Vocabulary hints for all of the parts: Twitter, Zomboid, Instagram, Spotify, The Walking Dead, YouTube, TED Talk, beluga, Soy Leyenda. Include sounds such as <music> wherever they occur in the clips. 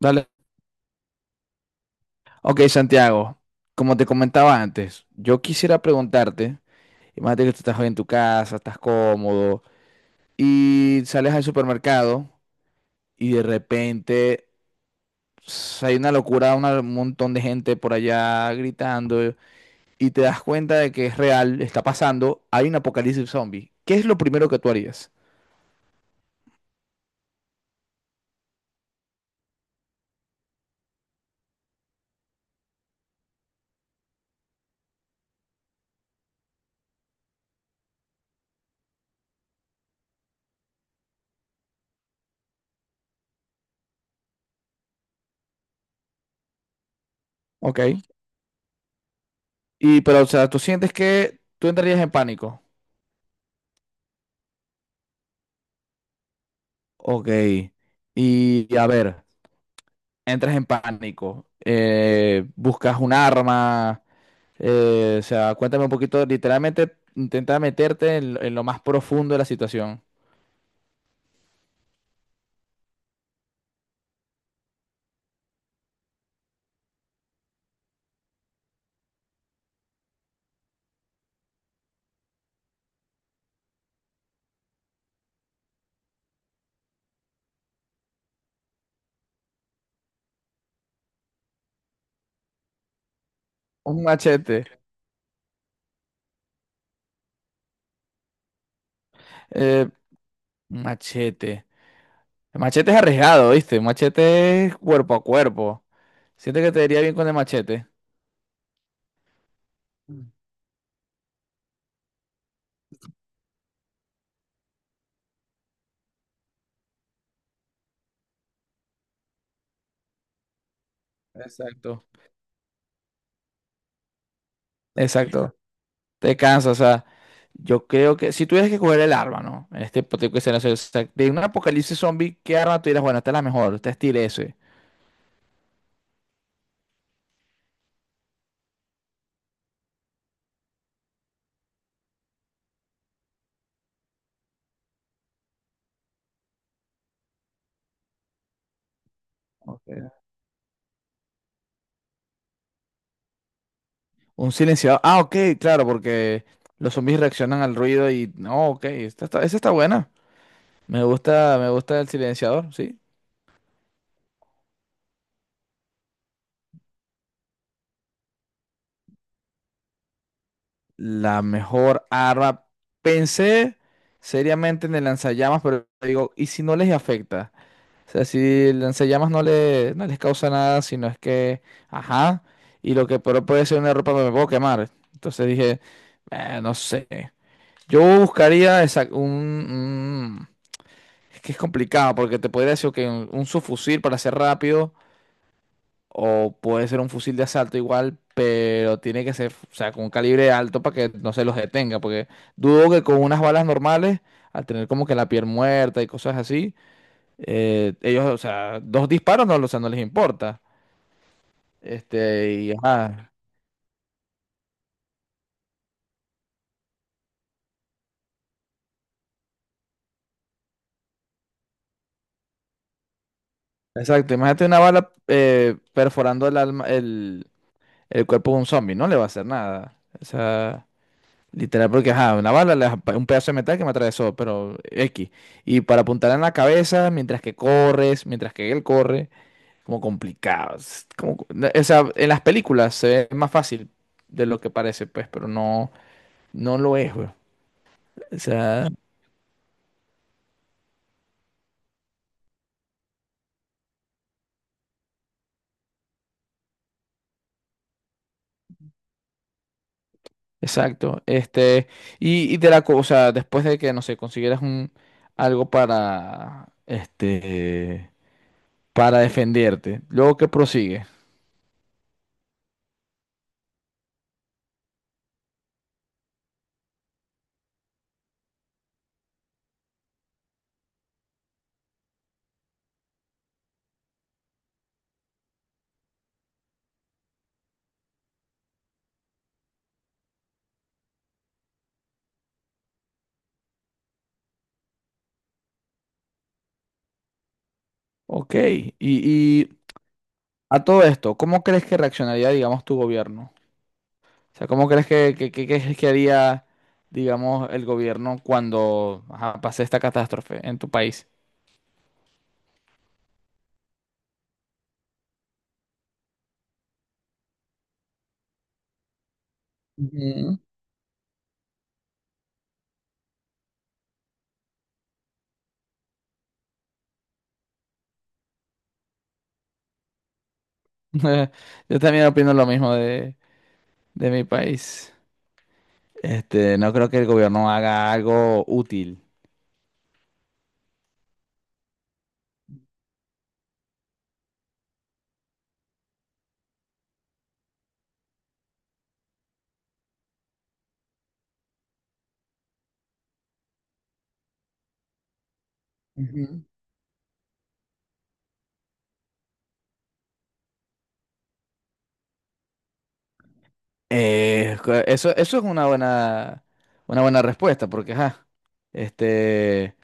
Dale. Ok, Santiago, como te comentaba antes, yo quisiera preguntarte, imagínate que tú estás hoy en tu casa, estás cómodo y sales al supermercado y de repente, hay una locura, un montón de gente por allá gritando y te das cuenta de que es real, está pasando, hay un apocalipsis zombie. ¿Qué es lo primero que tú harías? Ok. Y pero, o sea, tú sientes que tú entrarías en pánico. Ok. Y a ver, entras en pánico, buscas un arma, o sea, cuéntame un poquito, literalmente intenta meterte en lo más profundo de la situación. Un machete. eh, un machete. El machete es arriesgado, ¿viste? El machete es cuerpo a cuerpo. Siento que te iría bien con el machete. Mm. Exacto. Exacto. Te cansa, o sea, yo creo que si tuvieras que coger el arma, ¿no? En este hipotético escenario, o sea, de un apocalipsis zombie, ¿qué arma tú dirás? Bueno, esta es la mejor, esta es tire ese. Ok. Un silenciador. Ah, ok, claro, porque los zombies reaccionan al ruido y… No, ok, esta está, esa está buena. Me gusta el silenciador, sí. La mejor arma. Pensé seriamente en el lanzallamas, pero digo, ¿y si no les afecta? O sea, si el lanzallamas no les causa nada, sino es que, ajá, y lo que pero puede ser una ropa me puedo quemar. Entonces dije: "No sé. Yo buscaría, es que es complicado porque te podría decir que un subfusil para ser rápido o puede ser un fusil de asalto igual, pero tiene que ser, o sea, con un calibre alto para que no se los detenga, porque dudo que con unas balas normales, al tener como que la piel muerta y cosas así, ellos, o sea, dos disparos no, o sea, no les importa. Y ajá, exacto, imagínate una bala, perforando el alma, el cuerpo de un zombie, no le va a hacer nada. O sea, literal, porque ajá, una bala, un pedazo de metal que me atravesó, pero X. Y para apuntar en la cabeza, mientras que corres, mientras que él corre, como complicado. No, o sea, en las películas se ve más fácil de lo que parece, pues, pero no, no lo es, güey. O sea, exacto. Y, de la cosa, después de que, no sé, consiguieras un algo para, para defenderte. Luego que prosigue. Ok, y, a todo esto, ¿cómo crees que reaccionaría, digamos, tu gobierno? O sea, ¿cómo crees que haría, digamos, el gobierno cuando ajá, pase esta catástrofe en tu país? Ujú. <laughs> Yo también opino lo mismo de mi país. No creo que el gobierno haga algo útil. Ujú. Eso, eso es una buena respuesta, porque, ajá, este,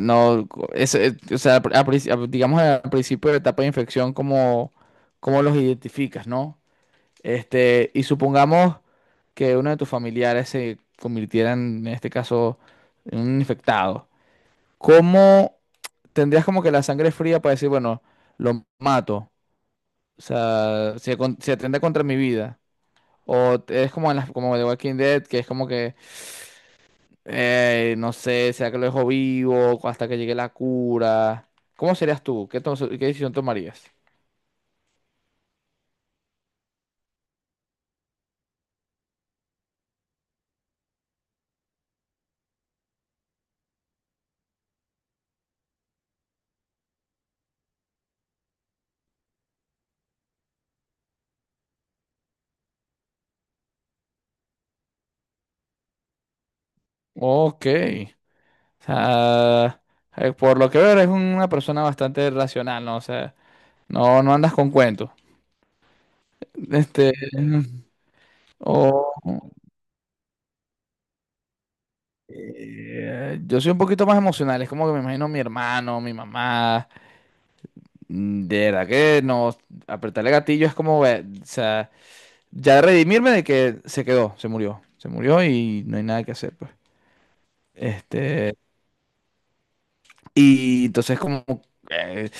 no, o sea, al pri- al princi- al- digamos al principio de la etapa de infección, ¿cómo los identificas, no? Y supongamos que uno de tus familiares se convirtiera en, este caso, en un infectado. ¿Cómo tendrías como que la sangre fría para decir, bueno, lo mato? O sea, se atenta contra mi vida. Es como en como The Walking Dead, que es como que, no sé, sea que lo dejo vivo hasta que llegue la cura. ¿Cómo serías tú? ¿Qué decisión tomarías? Ok. O sea, por lo que veo eres una persona bastante racional, ¿no? O sea, no andas con cuentos. Este, o Yo soy un poquito más emocional, es como que me imagino a mi hermano, mi mamá, de verdad que no, apretarle gatillo es como, o sea, ya redimirme de que se quedó, se murió y no hay nada que hacer, pues. Este, Y entonces como eh,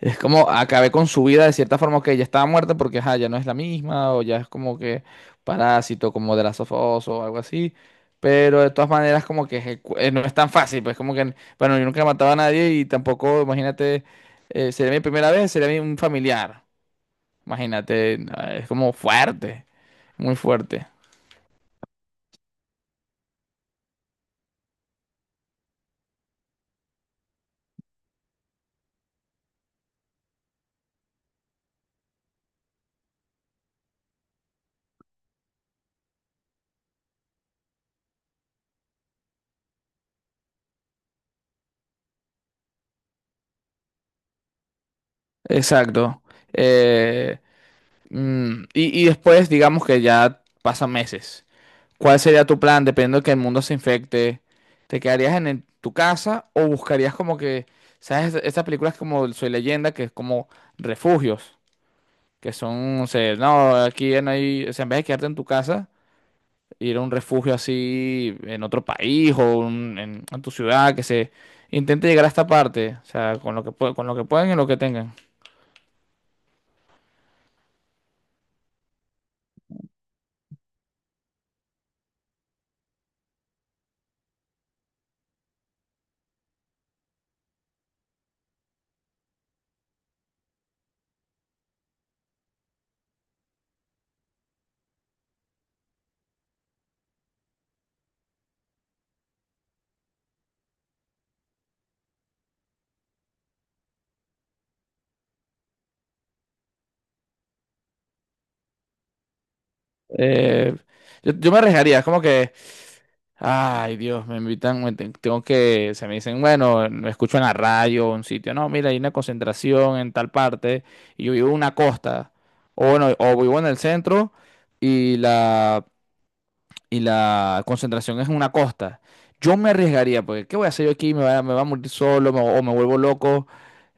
es como acabé con su vida de cierta forma que ya estaba muerta porque ajá, ya no es la misma o ya es como que parásito como de la of Us o algo así. Pero de todas maneras como que no es tan fácil, pues como que bueno, yo nunca he matado a nadie y tampoco, imagínate, sería mi primera vez, sería un familiar. Imagínate, no, es como fuerte, muy fuerte. Exacto. Eh, y después digamos que ya pasan meses. ¿Cuál sería tu plan dependiendo de que el mundo se infecte? ¿Te quedarías en tu casa o buscarías como que, sabes, estas películas como Soy Leyenda, que es como refugios, que son, o sea, no, aquí ya no hay, o sea, en vez de quedarte en tu casa, ir a un refugio así en otro país o en tu ciudad, que se intente llegar a esta parte, o sea, con lo que, con lo que pueden y lo que tengan. Eh, yo me arriesgaría, es como que ay, Dios, me invitan, tengo que, se me dicen, bueno, me escucho en la radio, un sitio, no, mira, hay una concentración en tal parte, y yo vivo en una costa, o bueno, o vivo en el centro, y la concentración es en una costa. Yo me arriesgaría, porque ¿qué voy a hacer yo aquí? ¿Me va a morir solo, o me vuelvo loco?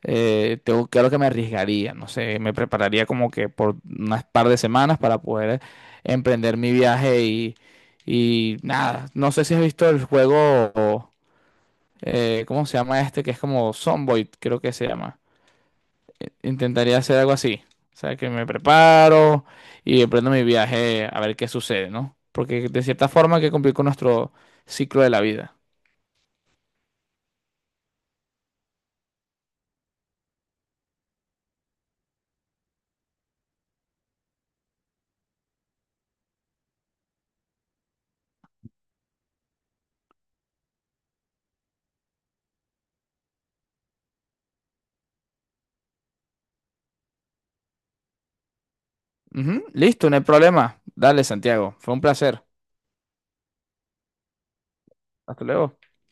Claro que me arriesgaría, no sé, me prepararía como que por unas par de semanas para poder emprender mi viaje y nada, no sé si has visto el juego, ¿cómo se llama este? Que es como Zomboid, creo que se llama, intentaría hacer algo así. O sea, que me preparo y emprendo mi viaje a ver qué sucede, ¿no? Porque de cierta forma hay que cumplir con nuestro ciclo de la vida. Ujú, listo, no hay problema. Dale, Santiago. Fue un placer. Hasta luego.